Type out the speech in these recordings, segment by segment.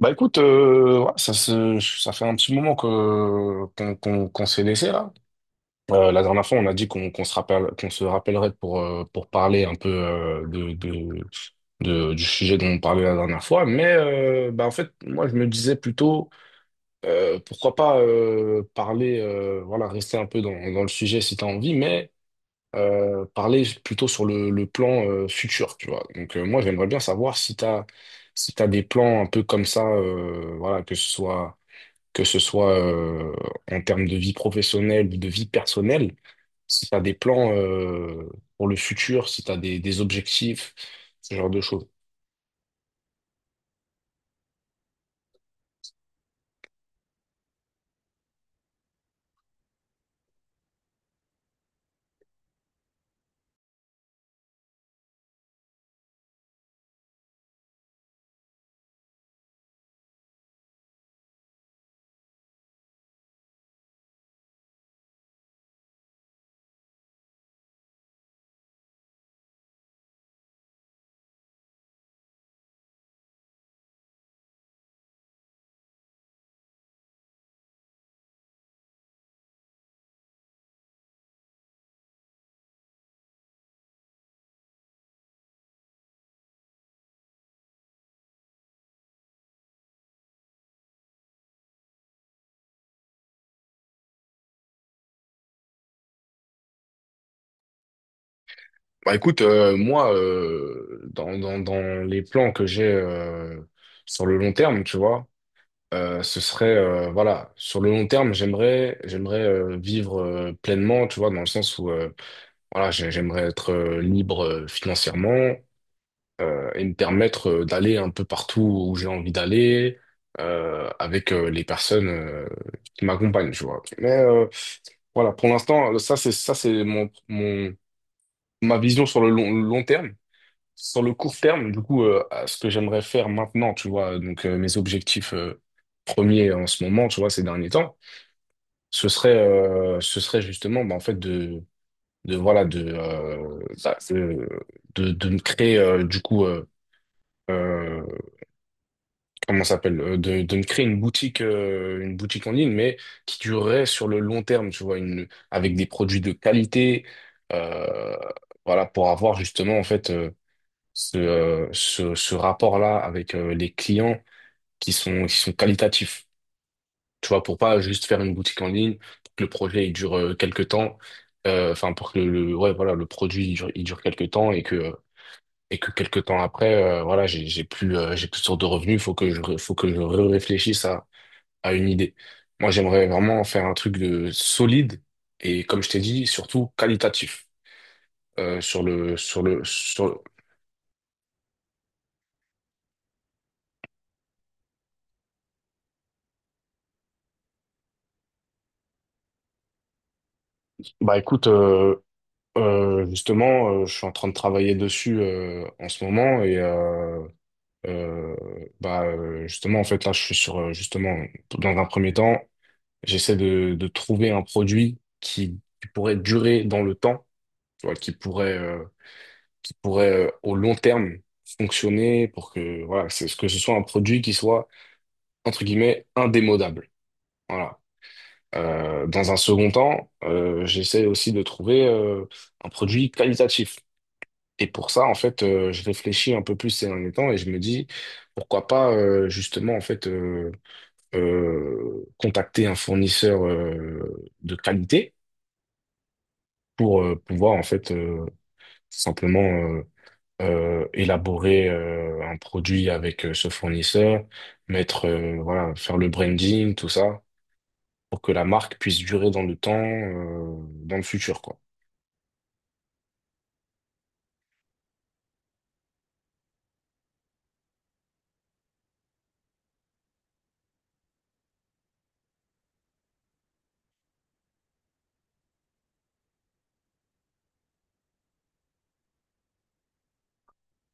Bah écoute, ouais, ça fait un petit moment que qu'on qu'on qu'on s'est laissé là. La dernière fois, on a dit qu'on qu'on se rappellerait pour parler un peu du sujet dont on parlait la dernière fois. Mais bah en fait, moi je me disais plutôt pourquoi pas parler, voilà, rester un peu dans le sujet si t'as envie, mais parler plutôt sur le plan futur, tu vois. Donc moi, j'aimerais bien savoir si t'as des plans un peu comme ça, voilà, que ce soit en termes de vie professionnelle ou de vie personnelle, si t'as des plans pour le futur, si t'as des objectifs, ce genre de choses. Bah écoute, moi, dans les plans que j'ai sur le long terme, tu vois, ce serait, voilà, sur le long terme, j'aimerais vivre pleinement, tu vois, dans le sens où, voilà, j'aimerais être libre financièrement et me permettre d'aller un peu partout où j'ai envie d'aller avec les personnes qui m'accompagnent, tu vois. Mais voilà, pour l'instant, ça c'est mon, mon ma vision sur le long, long terme. Sur le court terme, du coup, à ce que j'aimerais faire maintenant, tu vois, donc mes objectifs premiers en ce moment, tu vois, ces derniers temps, ce serait justement, bah, en fait, de voilà, de, bah, de me créer, du coup, euh, comment ça s'appelle, de me créer une boutique en ligne, mais qui durerait sur le long terme, tu vois, avec des produits de qualité, euh, voilà, pour avoir justement, en fait, ce rapport-là avec les clients qui sont qualitatifs. Tu vois, pour pas juste faire une boutique en ligne, pour que le projet il dure quelques temps, enfin pour que ouais, voilà, le produit il dure quelques temps et que quelques temps après, voilà, j'ai plus de source de revenus, faut que je réfléchisse à une idée. Moi, j'aimerais vraiment faire un truc de solide et comme je t'ai dit, surtout qualitatif. euh, sur le sur le sur le- Bah écoute. Justement, je suis en train de travailler dessus en ce moment, et euh, bah justement en fait là je suis sur, justement dans un premier temps j'essaie de trouver un produit qui pourrait durer dans le temps, tu vois, qui pourrait au long terme fonctionner, pour que voilà, c'est ce que ce soit un produit qui soit entre guillemets indémodable. Voilà. Dans un second temps, j'essaie aussi de trouver un produit qualitatif. Et pour ça, en fait, je réfléchis un peu plus ces derniers temps et je me dis, pourquoi pas justement, en fait, contacter un fournisseur de qualité pour pouvoir, en fait, simplement élaborer un produit avec ce fournisseur, mettre, voilà, faire le branding, tout ça, pour que la marque puisse durer dans le temps, dans le futur, quoi.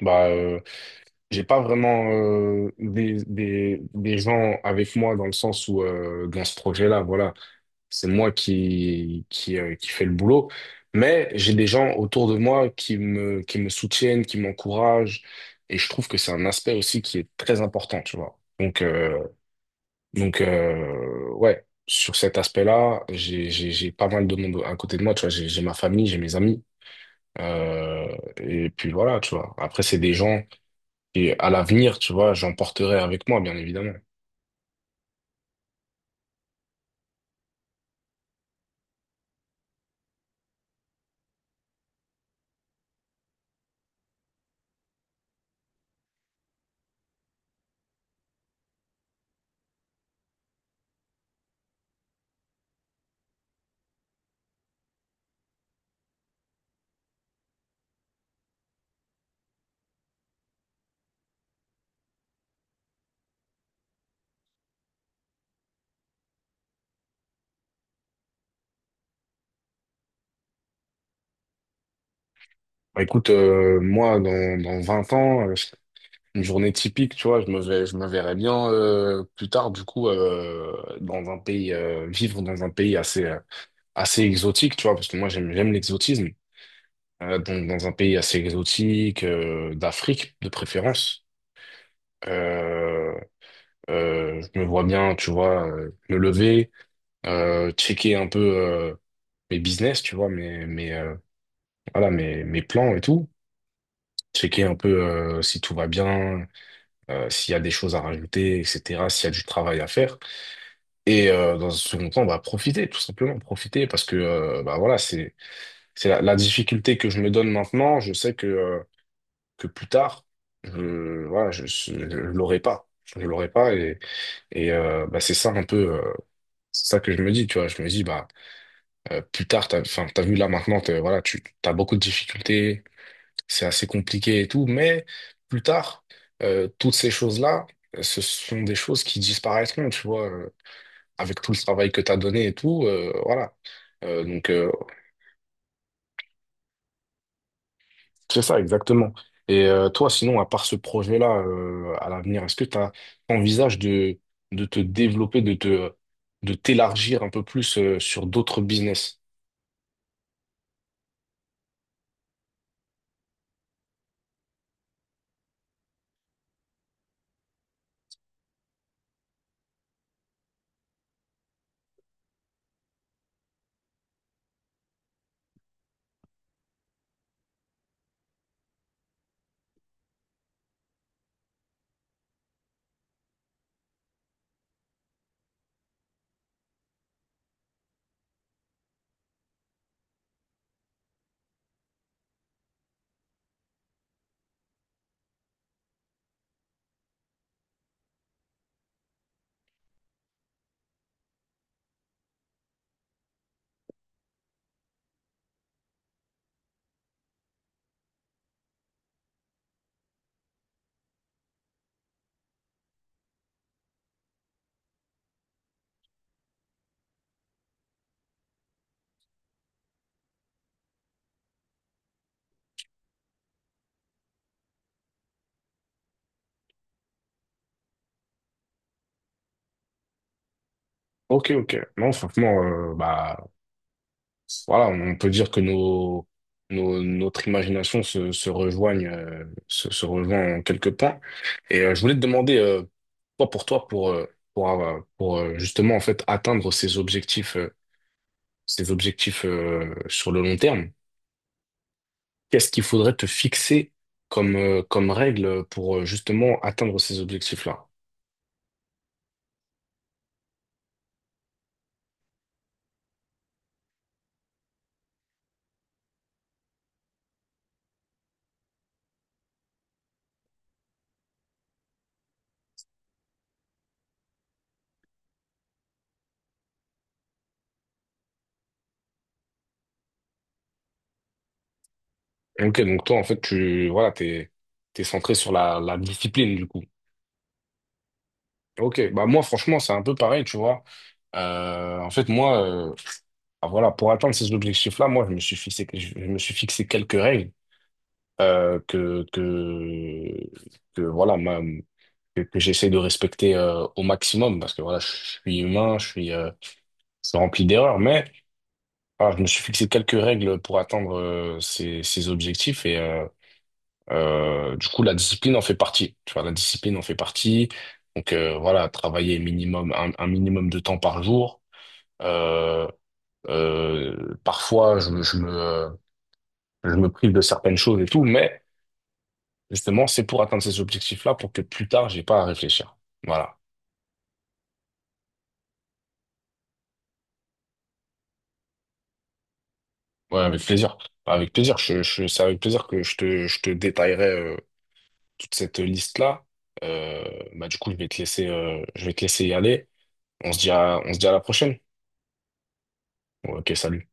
Bah, j'ai pas vraiment des gens avec moi dans le sens où dans ce projet-là, voilà, c'est moi qui fait le boulot, mais j'ai des gens autour de moi qui me soutiennent, qui m'encouragent, et je trouve que c'est un aspect aussi qui est très important, tu vois. Donc, ouais, sur cet aspect-là, j'ai pas mal de monde à côté de moi, tu vois. J'ai ma famille, j'ai mes amis, euh, et puis voilà, tu vois. Après, c'est des gens et à l'avenir, tu vois, j'emporterai avec moi, bien évidemment. Bah, écoute, moi, dans 20 ans, une journée typique, tu vois, je me verrais bien, plus tard, du coup, dans un pays, vivre dans un pays assez exotique, tu vois, parce que moi, j'aime l'exotisme. Donc, dans un pays assez exotique, d'Afrique, de préférence. Euh, je me vois bien, tu vois, me lever, checker un peu mes business, tu vois, voilà, mes plans et tout. Checker un peu si tout va bien, s'il y a des choses à rajouter, etc., s'il y a du travail à faire. Et dans un second temps, bah, profiter, tout simplement, profiter, parce que bah, voilà, c'est la difficulté que je me donne maintenant. Je sais que plus tard, voilà, je l'aurai pas. Je l'aurai pas. Et, bah, c'est ça un peu. C'est ça que je me dis, tu vois. Je me dis, bah, plus tard, enfin, t'as vu là maintenant, voilà, tu as beaucoup de difficultés, c'est assez compliqué et tout, mais plus tard, toutes ces choses-là, ce sont des choses qui disparaîtront, tu vois, avec tout le travail que tu as donné et tout, voilà. Donc, c'est ça, exactement. Et toi, sinon, à part ce projet-là, à l'avenir, est-ce que tu envisages de, te développer, de t'élargir un peu plus sur d'autres business? Ok, ok. Non, franchement, bah, voilà, on peut dire que notre imagination se rejoint en quelques points. Et je voulais te demander, toi, pour toi, pour justement en fait atteindre ces objectifs sur le long terme, qu'est-ce qu'il faudrait te fixer comme règle pour justement atteindre ces objectifs-là? Ok, donc toi, en fait, voilà, t'es centré sur la discipline, du coup. Ok, bah moi franchement c'est un peu pareil, tu vois. En fait moi, euh, ah, voilà, pour atteindre ces objectifs-là, moi je me suis fixé quelques règles euh, que, que que voilà ma- que j'essaie de respecter au maximum parce que voilà je suis humain, je suis rempli d'erreurs, mais voilà, je me suis fixé quelques règles pour atteindre ces objectifs et du coup la discipline en fait partie. Tu vois, la discipline en fait partie. Donc voilà, travailler minimum un minimum de temps par jour. Euh, Parfois, je me prive de certaines choses et tout, mais justement, c'est pour atteindre ces objectifs-là pour que plus tard, j'ai pas à réfléchir. Voilà. Ouais, avec plaisir. Enfin, avec plaisir. C'est avec plaisir que je te détaillerai euh, toute cette liste-là. Euh, Bah, du coup, je vais te laisser y aller. On se dit à la prochaine. Ouais, ok, salut.